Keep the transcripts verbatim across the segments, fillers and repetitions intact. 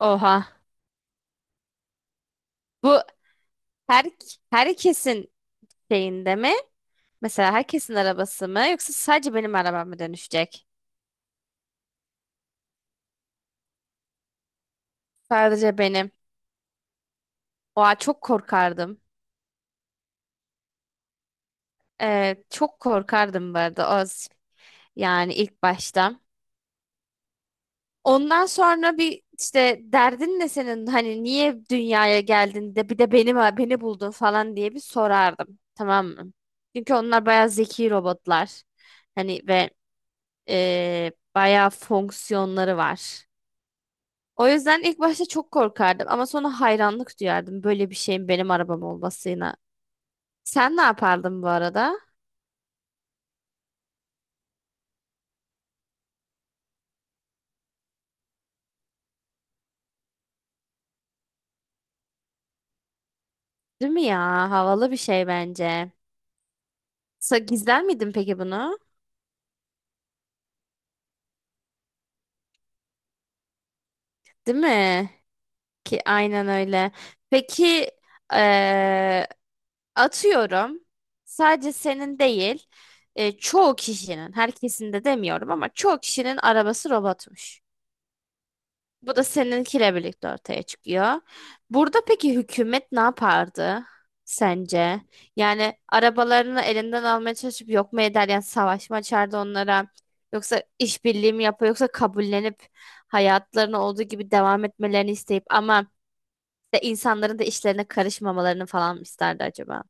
Oha. Bu her herkesin şeyinde mi? Mesela herkesin arabası mı? Yoksa sadece benim arabam mı dönüşecek? Sadece benim. Oha çok korkardım. Ee, çok korkardım bu arada. O, yani ilk başta. Ondan sonra bir işte derdin ne senin? Hani niye dünyaya geldin de bir de benim beni buldun falan diye bir sorardım. Tamam mı? Çünkü onlar bayağı zeki robotlar. Hani ve eee bayağı fonksiyonları var. O yüzden ilk başta çok korkardım ama sonra hayranlık duyardım böyle bir şeyin benim arabam olmasına. Sen ne yapardın bu arada? Değil mi ya? Havalı bir şey bence. Sa- Gizler miydin peki bunu? Değil mi? Ki aynen öyle. Peki eee, atıyorum sadece senin değil, e, çoğu kişinin, herkesin de demiyorum ama çoğu kişinin arabası robotmuş. Bu da seninkiyle birlikte ortaya çıkıyor. Burada peki hükümet ne yapardı sence? Yani arabalarını elinden almaya çalışıp yok mu eder? Yani savaş mı açardı onlara? Yoksa işbirliği mi yapar? Yoksa kabullenip hayatlarına olduğu gibi devam etmelerini isteyip ama de insanların da işlerine karışmamalarını falan mı isterdi acaba?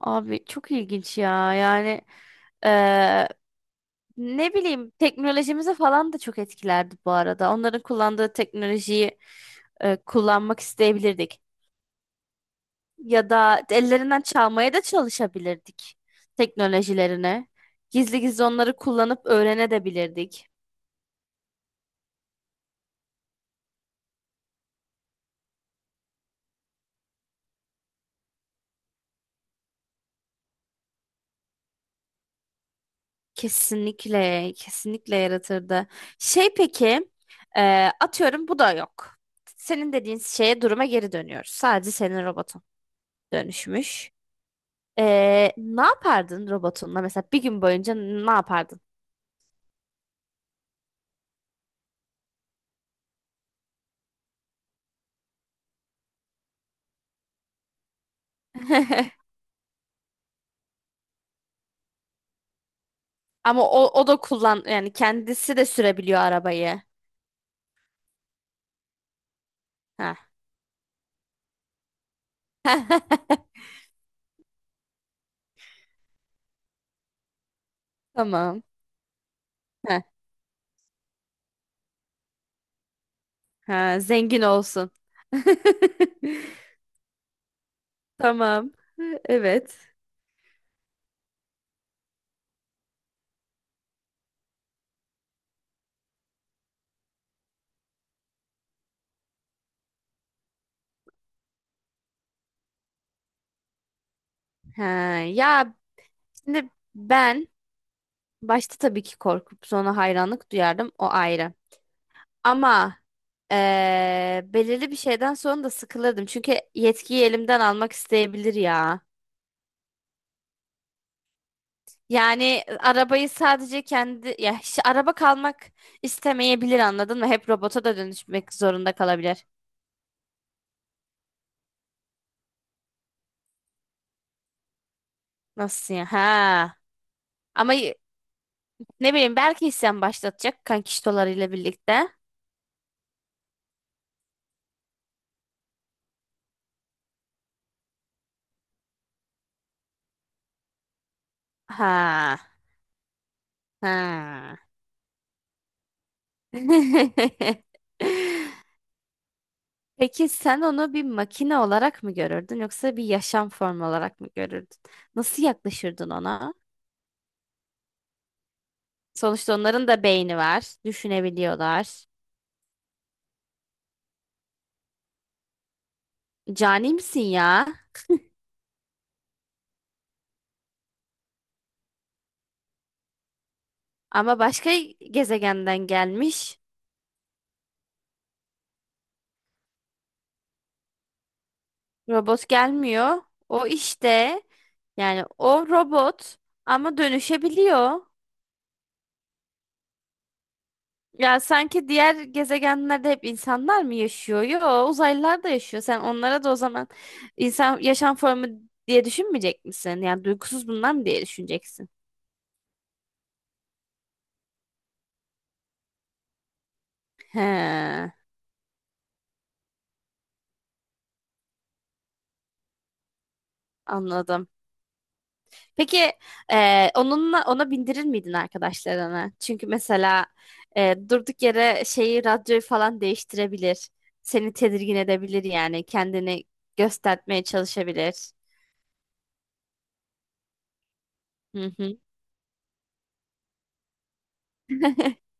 Abi çok ilginç ya. Yani eee, ne bileyim, teknolojimizi falan da çok etkilerdi bu arada. Onların kullandığı teknolojiyi e, kullanmak isteyebilirdik. Ya da ellerinden çalmaya da çalışabilirdik teknolojilerini. Gizli gizli onları kullanıp öğrenebilirdik. Kesinlikle, kesinlikle yaratırdı. Şey peki, e, atıyorum bu da yok. Senin dediğin şeye, duruma geri dönüyoruz. Sadece senin robotun dönüşmüş. E, ne yapardın robotunla? Mesela bir gün boyunca ne yapardın? Ama o, o da kullan yani kendisi de sürebiliyor arabayı. Ha. Tamam. Ha. Ha, zengin olsun. Tamam. Evet. Ha, ya şimdi ben başta tabii ki korkup sonra hayranlık duyardım, o ayrı. Ama eee, belirli bir şeyden sonra da sıkılırdım. Çünkü yetkiyi elimden almak isteyebilir ya. Yani e, arabayı sadece kendi, ya hiç araba kalmak istemeyebilir, anladın mı? Hep robota da dönüşmek zorunda kalabilir. Nasıl ya? Ha. Ama y- ne bileyim belki isyan başlatacak kankiştolarıyla birlikte. Ha. Ha. Peki sen onu bir makine olarak mı görürdün, yoksa bir yaşam formu olarak mı görürdün? Nasıl yaklaşırdın ona? Sonuçta onların da beyni var, düşünebiliyorlar. Cani misin ya? Ama başka gezegenden gelmiş. Robot gelmiyor. O işte, yani o robot ama dönüşebiliyor. Ya sanki diğer gezegenlerde hep insanlar mı yaşıyor? Yo, uzaylılar da yaşıyor. Sen onlara da o zaman insan yaşam formu diye düşünmeyecek misin? Yani duygusuz bunlar mı diye düşüneceksin? He, anladım. Peki e, onunla, ona bindirir miydin arkadaşlarına? Çünkü mesela e, durduk yere şeyi, radyoyu falan değiştirebilir. Seni tedirgin edebilir, yani kendini göstermeye çalışabilir. Hı hı.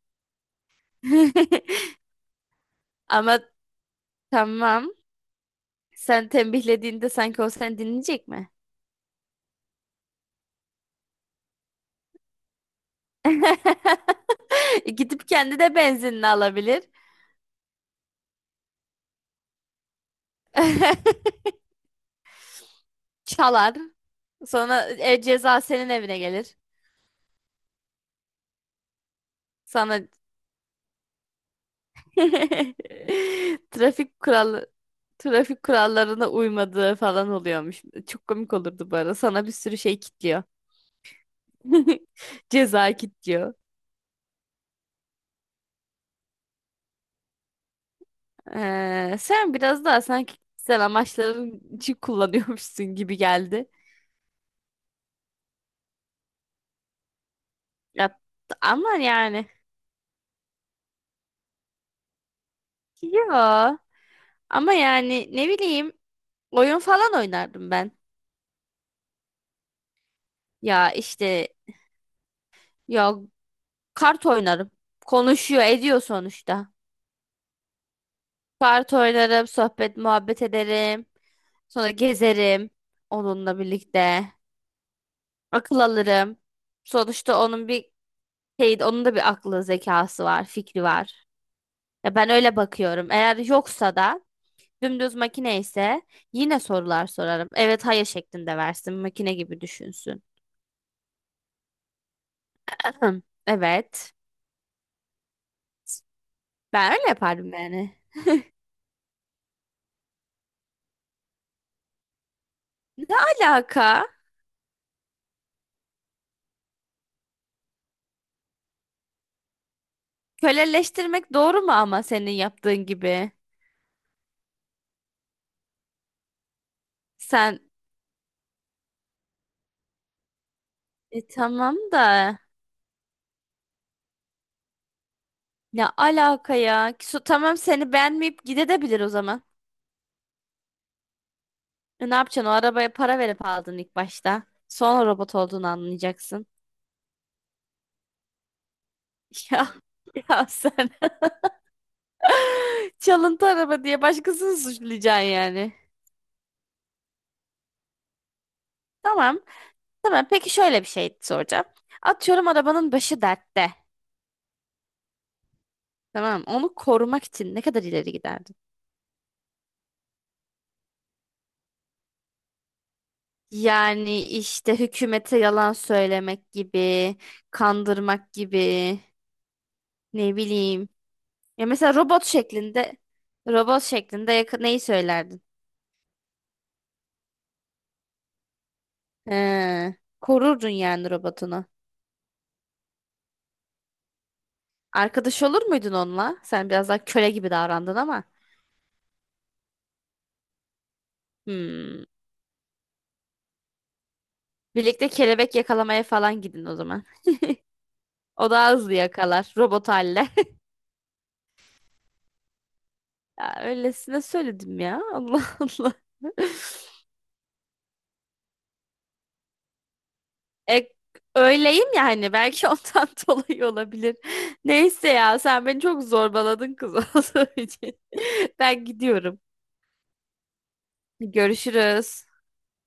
Ama tamam. Sen tembihlediğinde sanki o seni dinleyecek mi? Gidip kendi de benzinini alabilir. Çalar. Sonra e, ceza senin evine gelir. Sana Trafik kuralı trafik kurallarına uymadığı falan oluyormuş. Çok komik olurdu bu arada. Sana bir sürü şey kitliyor. Ceza kitliyor. Ee, sen biraz daha sanki kişisel amaçların için kullanıyormuşsun gibi geldi. Ya, ama yani yo, ama yani ne bileyim oyun falan oynardım ben. Ya işte, ya kart oynarım. Konuşuyor, ediyor sonuçta. Kart oynarım, sohbet, muhabbet ederim. Sonra gezerim onunla birlikte. Akıl alırım. Sonuçta onun bir şey, onun da bir aklı, zekası var, fikri var. Ya ben öyle bakıyorum. Eğer yoksa da, dümdüz makine ise, yine sorular sorarım. Evet, hayır şeklinde versin. Makine gibi düşünsün. Ahem, evet. Ben öyle yapardım yani. Ne alaka? Köleleştirmek doğru mu ama senin yaptığın gibi? Sen e, tamam da ne alaka ya? Su, tamam, seni beğenmeyip gidebilir o zaman. E, ne yapacaksın? O arabaya para verip aldın ilk başta. Sonra robot olduğunu anlayacaksın. Ya, ya sen çalıntı araba diye başkasını suçlayacaksın yani. Tamam. Tamam. Peki şöyle bir şey soracağım. Atıyorum arabanın başı dertte. Tamam. Onu korumak için ne kadar ileri giderdin? Yani işte hükümete yalan söylemek gibi, kandırmak gibi, ne bileyim. Ya mesela robot şeklinde robot şeklinde yakın neyi söylerdin? He, korurdun yani robotunu. Arkadaş olur muydun onunla? Sen biraz daha köle gibi davrandın ama. Hmm. Birlikte kelebek yakalamaya falan gidin o zaman. O daha hızlı yakalar robot halle. Ya öylesine söyledim ya. Allah Allah. E, Öyleyim ya, hani belki ondan dolayı olabilir. Neyse ya, sen beni çok zorbaladın kız olduğu için. Ben gidiyorum. Görüşürüz.